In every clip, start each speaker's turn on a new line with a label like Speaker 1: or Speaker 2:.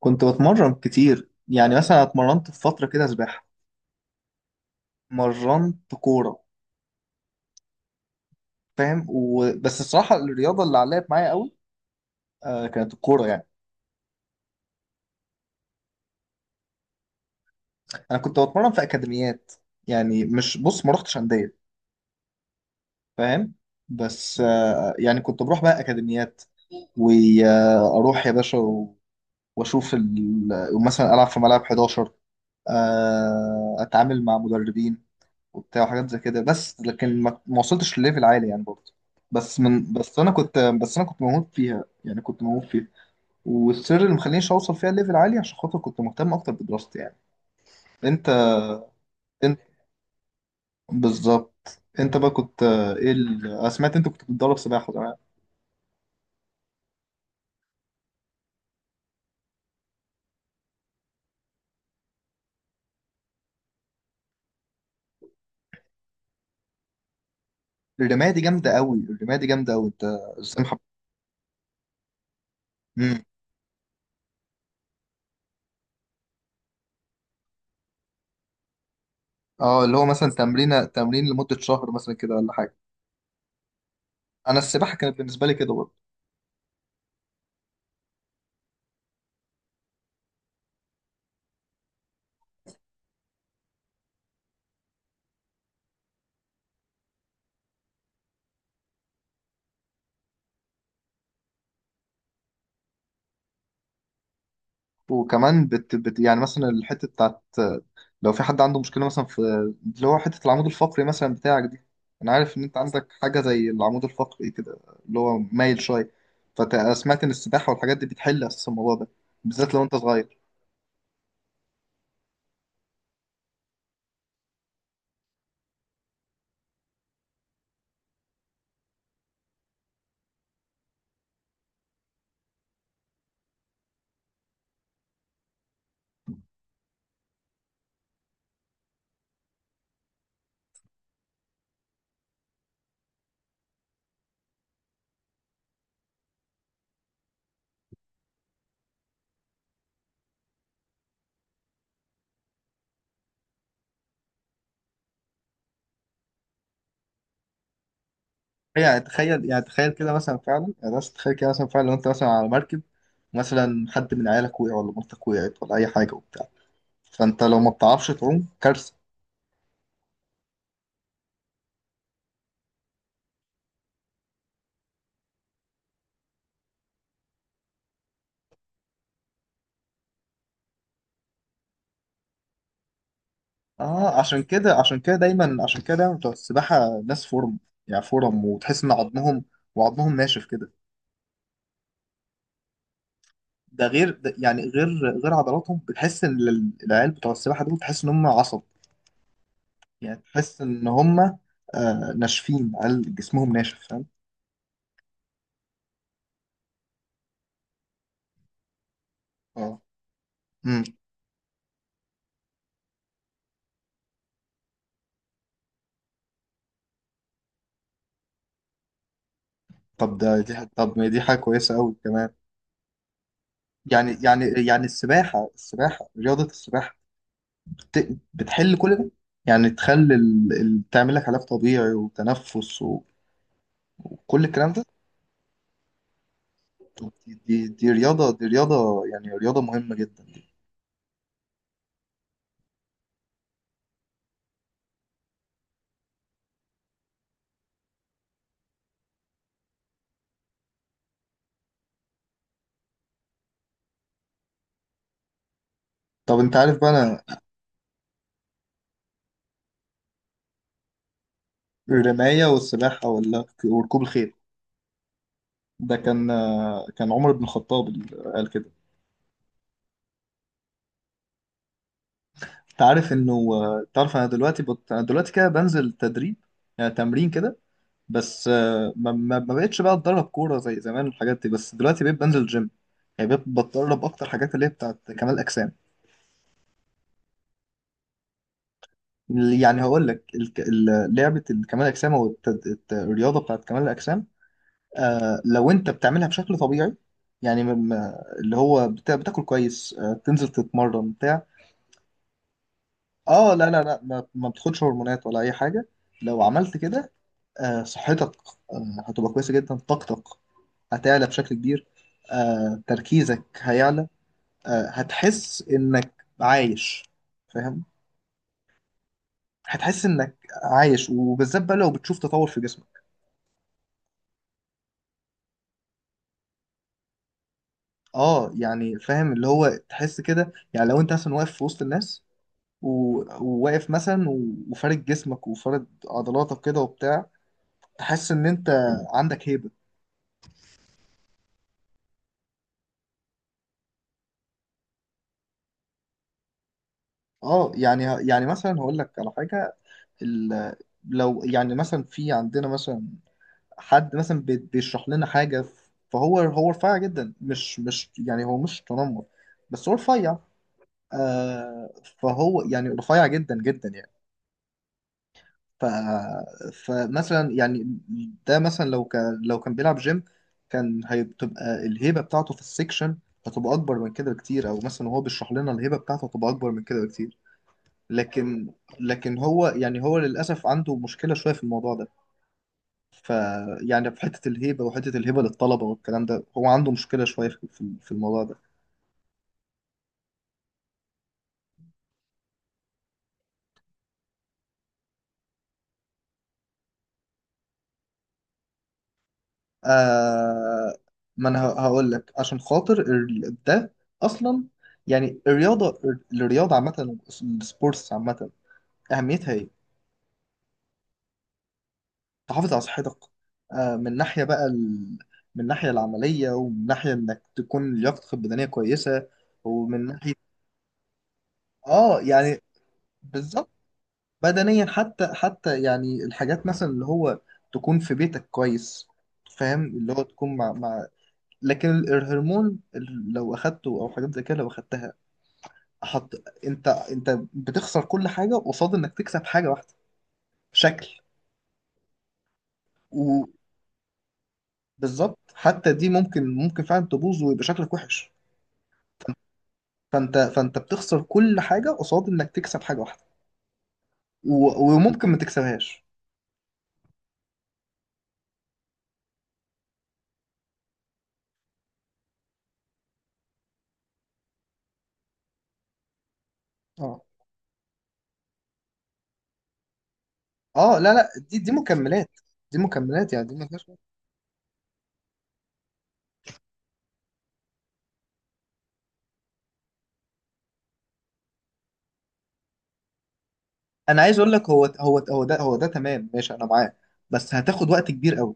Speaker 1: كنت بتمرن كتير، يعني مثلا اتمرنت في فترة كده سباحة، مرنت كورة. فاهم بس الصراحة الرياضة اللي علقت معايا قوي كانت الكورة يعني. أنا كنت بتمرن في أكاديميات، يعني مش بص، ما رحتش أندية. فاهم. بس آه يعني كنت بروح بقى أكاديميات، وأروح يا باشا وأشوف مثلا ألعب في ملعب 11، آه أتعامل مع مدربين وبتاع وحاجات زي كده. بس لكن ما وصلتش لليفل عالي يعني برضه. بس من بس انا كنت بس انا كنت موهوب فيها، يعني كنت موهوب فيها. والسر اللي مخلينيش اوصل فيها ليفل عالي عشان خاطر كنت مهتم اكتر بدراستي يعني. انت انت بالظبط، انت بقى كنت ايه أنا سمعت انت كنت بتدرب سباحه زمان. الرمايه دي جامده قوي انت. ازاي مم. اه، اللي هو مثلا تمرين تمرين لمده شهر مثلا كده ولا حاجه. انا السباحه كانت بالنسبه لي كده برضه. وكمان يعني مثلا الحتة بتاعت، لو في حد عنده مشكلة مثلا في اللي هو حتة العمود الفقري مثلا بتاعك دي. أنا عارف إن أنت عندك حاجة زي العمود الفقري كده، اللي هو مايل شوية. فسمعت إن السباحة والحاجات دي بتحل أساس الموضوع ده، بالذات لو أنت صغير. يعني تخيل يعني تخيل كده مثلا فعلا يعني بس تخيل كده مثلا فعلا لو أنت مثلا على مركب، مثلا حد من عيالك وقع ولا مرتك وقعت ولا أي حاجة وبتاع، فأنت لو ما بتعرفش تعوم كارثة. عشان كده دايما بتوع السباحة ناس فورم، يعني فورم، وتحس ان عظمهم وعظمهم ناشف كده. ده غير، ده يعني غير غير عضلاتهم، بتحس ان العيال بتوع السباحة دول تحس ان هم عصب. يعني تحس ان هم آه ناشفين، عيال جسمهم ناشف. فاهم. اه. امم. طب ده دي ح- طب ما دي حاجة كويسة قوي كمان. السباحة بتحل كل ده. يعني تخلي تعمل لك علاج طبيعي وتنفس وكل الكلام ده. دي, دي رياضة، دي رياضة، يعني رياضة مهمة جدا. طب انت عارف بقى انا، الرماية والسباحة ولا وركوب الخيل. ده كان كان عمر بن الخطاب اللي قال كده. انت عارف انه آه، تعرف انا دلوقتي انا دلوقتي كده بنزل تدريب، يعني تمرين كده. بس آه، ما بقتش بقى اتدرب كورة زي زمان والحاجات دي. بس دلوقتي بقيت بنزل جيم، يعني بقيت بتدرب اكتر حاجات اللي هي بتاعت كمال اجسام. يعني هقول لك لعبة كمال الاجسام، او الرياضة بتاعت كمال الاجسام. آه، لو انت بتعملها بشكل طبيعي، يعني اللي هو بتاكل كويس، آه تنزل تتمرن بتاع اه، لا لا لا، ما, ما بتاخدش هرمونات ولا اي حاجه. لو عملت كده، آه صحتك آه هتبقى كويسه جدا، طاقتك هتعلى بشكل كبير، آه تركيزك هيعلى، آه هتحس انك عايش. فاهم، هتحس انك عايش، وبالذات بقى لو بتشوف تطور في جسمك. اه يعني فاهم، اللي هو تحس كده، يعني لو انت مثلا واقف في وسط الناس وواقف مثلا وفارد جسمك وفارد عضلاتك كده وبتاع، تحس ان انت عندك هيبة. اه يعني يعني مثلا هقول لك على حاجة. ال- لو يعني مثلا في عندنا مثلا حد مثلا بيشرح لنا حاجة، فهو هو رفيع جدا، مش يعني هو مش تنمر، بس هو رفيع. آه، فهو يعني رفيع جدا جدا يعني. ف... فمثلا يعني ده مثلا لو كان بيلعب جيم، كان هتبقى الهيبة بتاعته في السكشن هتبقى أكبر من كده بكتير. أو مثلا وهو بيشرح لنا الهيبة بتاعته هتبقى أكبر من كده بكتير. لكن لكن هو يعني هو للأسف عنده مشكلة شوية في الموضوع ده. ف يعني في حتة الهيبة، وحتة الهيبة للطلبة والكلام ده، هو عنده مشكلة شوية في الموضوع ده. آه، ما انا هقول لك عشان خاطر ده اصلا، يعني الرياضه، الرياضه عامه، السبورتس عامه، اهميتها ايه؟ تحافظ على صحتك. آه من ناحيه بقى من ناحيه العمليه، ومن ناحيه انك تكون لياقتك البدنيه كويسه، ومن ناحيه، اه يعني، بالظبط. بدنيا، حتى يعني الحاجات مثلا اللي هو تكون في بيتك كويس. فاهم، اللي هو تكون مع مع. لكن الهرمون لو اخدته او حاجات زي كده لو اخدتها، حط، انت بتخسر كل حاجه قصاد انك تكسب حاجه واحده، شكل. وبالظبط، حتى دي ممكن فعلا تبوظ ويبقى شكلك وحش. فانت بتخسر كل حاجه قصاد انك تكسب حاجه واحده، وممكن ما تكسبهاش. اه اه لا لا، دي مكملات، دي مكملات، يعني دي ما فيهاش. انا عايز اقول لك، هو ده تمام، ماشي انا معاه، بس هتاخد وقت كبير قوي.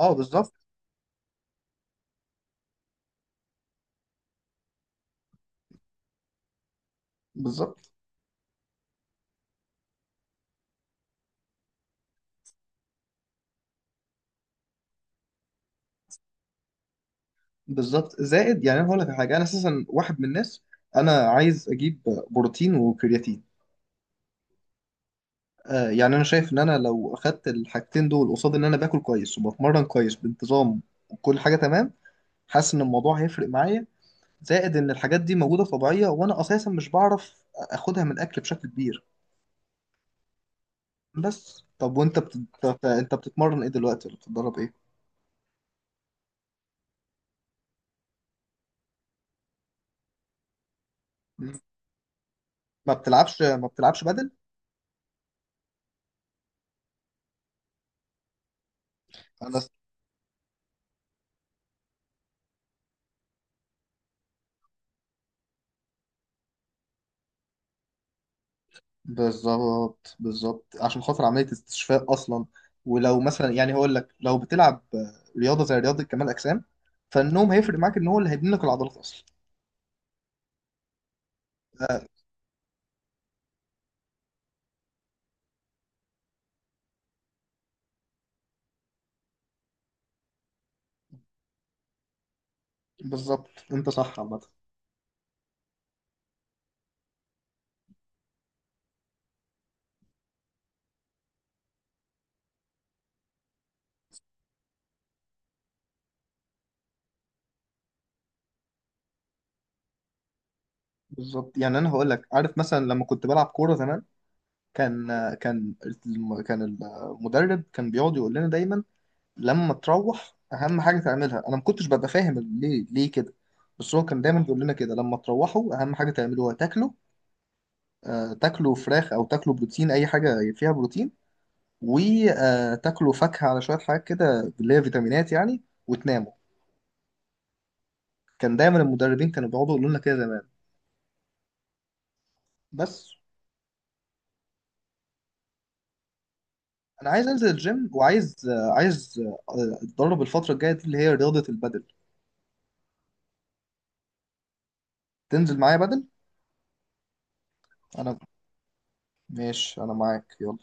Speaker 1: اه بالظبط، بالظبط. بالظبط، زائد، يعني انا هقول لك على حاجه، انا اساسا واحد من الناس. انا عايز اجيب بروتين وكرياتين. آه يعني انا شايف ان انا لو اخدت الحاجتين دول، قصاد ان انا باكل كويس وبتمرن كويس بانتظام وكل حاجه تمام، حاسس ان الموضوع هيفرق معايا. زائد ان الحاجات دي موجوده طبيعيه، وانا اساسا مش بعرف اخدها من الاكل بشكل كبير. بس طب وانت انت بتتمرن ايه دلوقتي، ولا بتتدرب ايه؟ مم. ما بتلعبش بدل؟ بالظبط عشان خاطر عملية استشفاء أصلا. ولو مثلا يعني هقول لك لو بتلعب رياضة زي رياضة كمال أجسام، فالنوم هيفرق معاك، إن هو اللي هيبني لك العضلات أصلا. آه بالظبط، أنت صح عامة. بالظبط، يعني أنا هقول لك، عارف مثلا لما كنت بلعب كورة زمان، كان كان كان المدرب كان بيقعد يقول لنا دايما، لما تروح أهم حاجة تعملها، أنا ما كنتش ببقى فاهم ليه كده. بس هو كان دايما بيقول لنا كده، لما تروحوا أهم حاجة تعملوها تاكلوا، آه، تاكلوا فراخ او تاكلوا بروتين، اي حاجه فيها بروتين، وتاكلوا فاكهه على شويه حاجات كده اللي هي فيتامينات يعني، وتناموا. كان دايما المدربين كانوا بيقعدوا يقولوا لنا كده زمان. بس انا عايز انزل الجيم، وعايز آه، عايز آه، اتدرب الفتره الجايه دي اللي هي رياضه البدل. تنزل معايا بدل؟ انا ماشي، انا معاك يلا.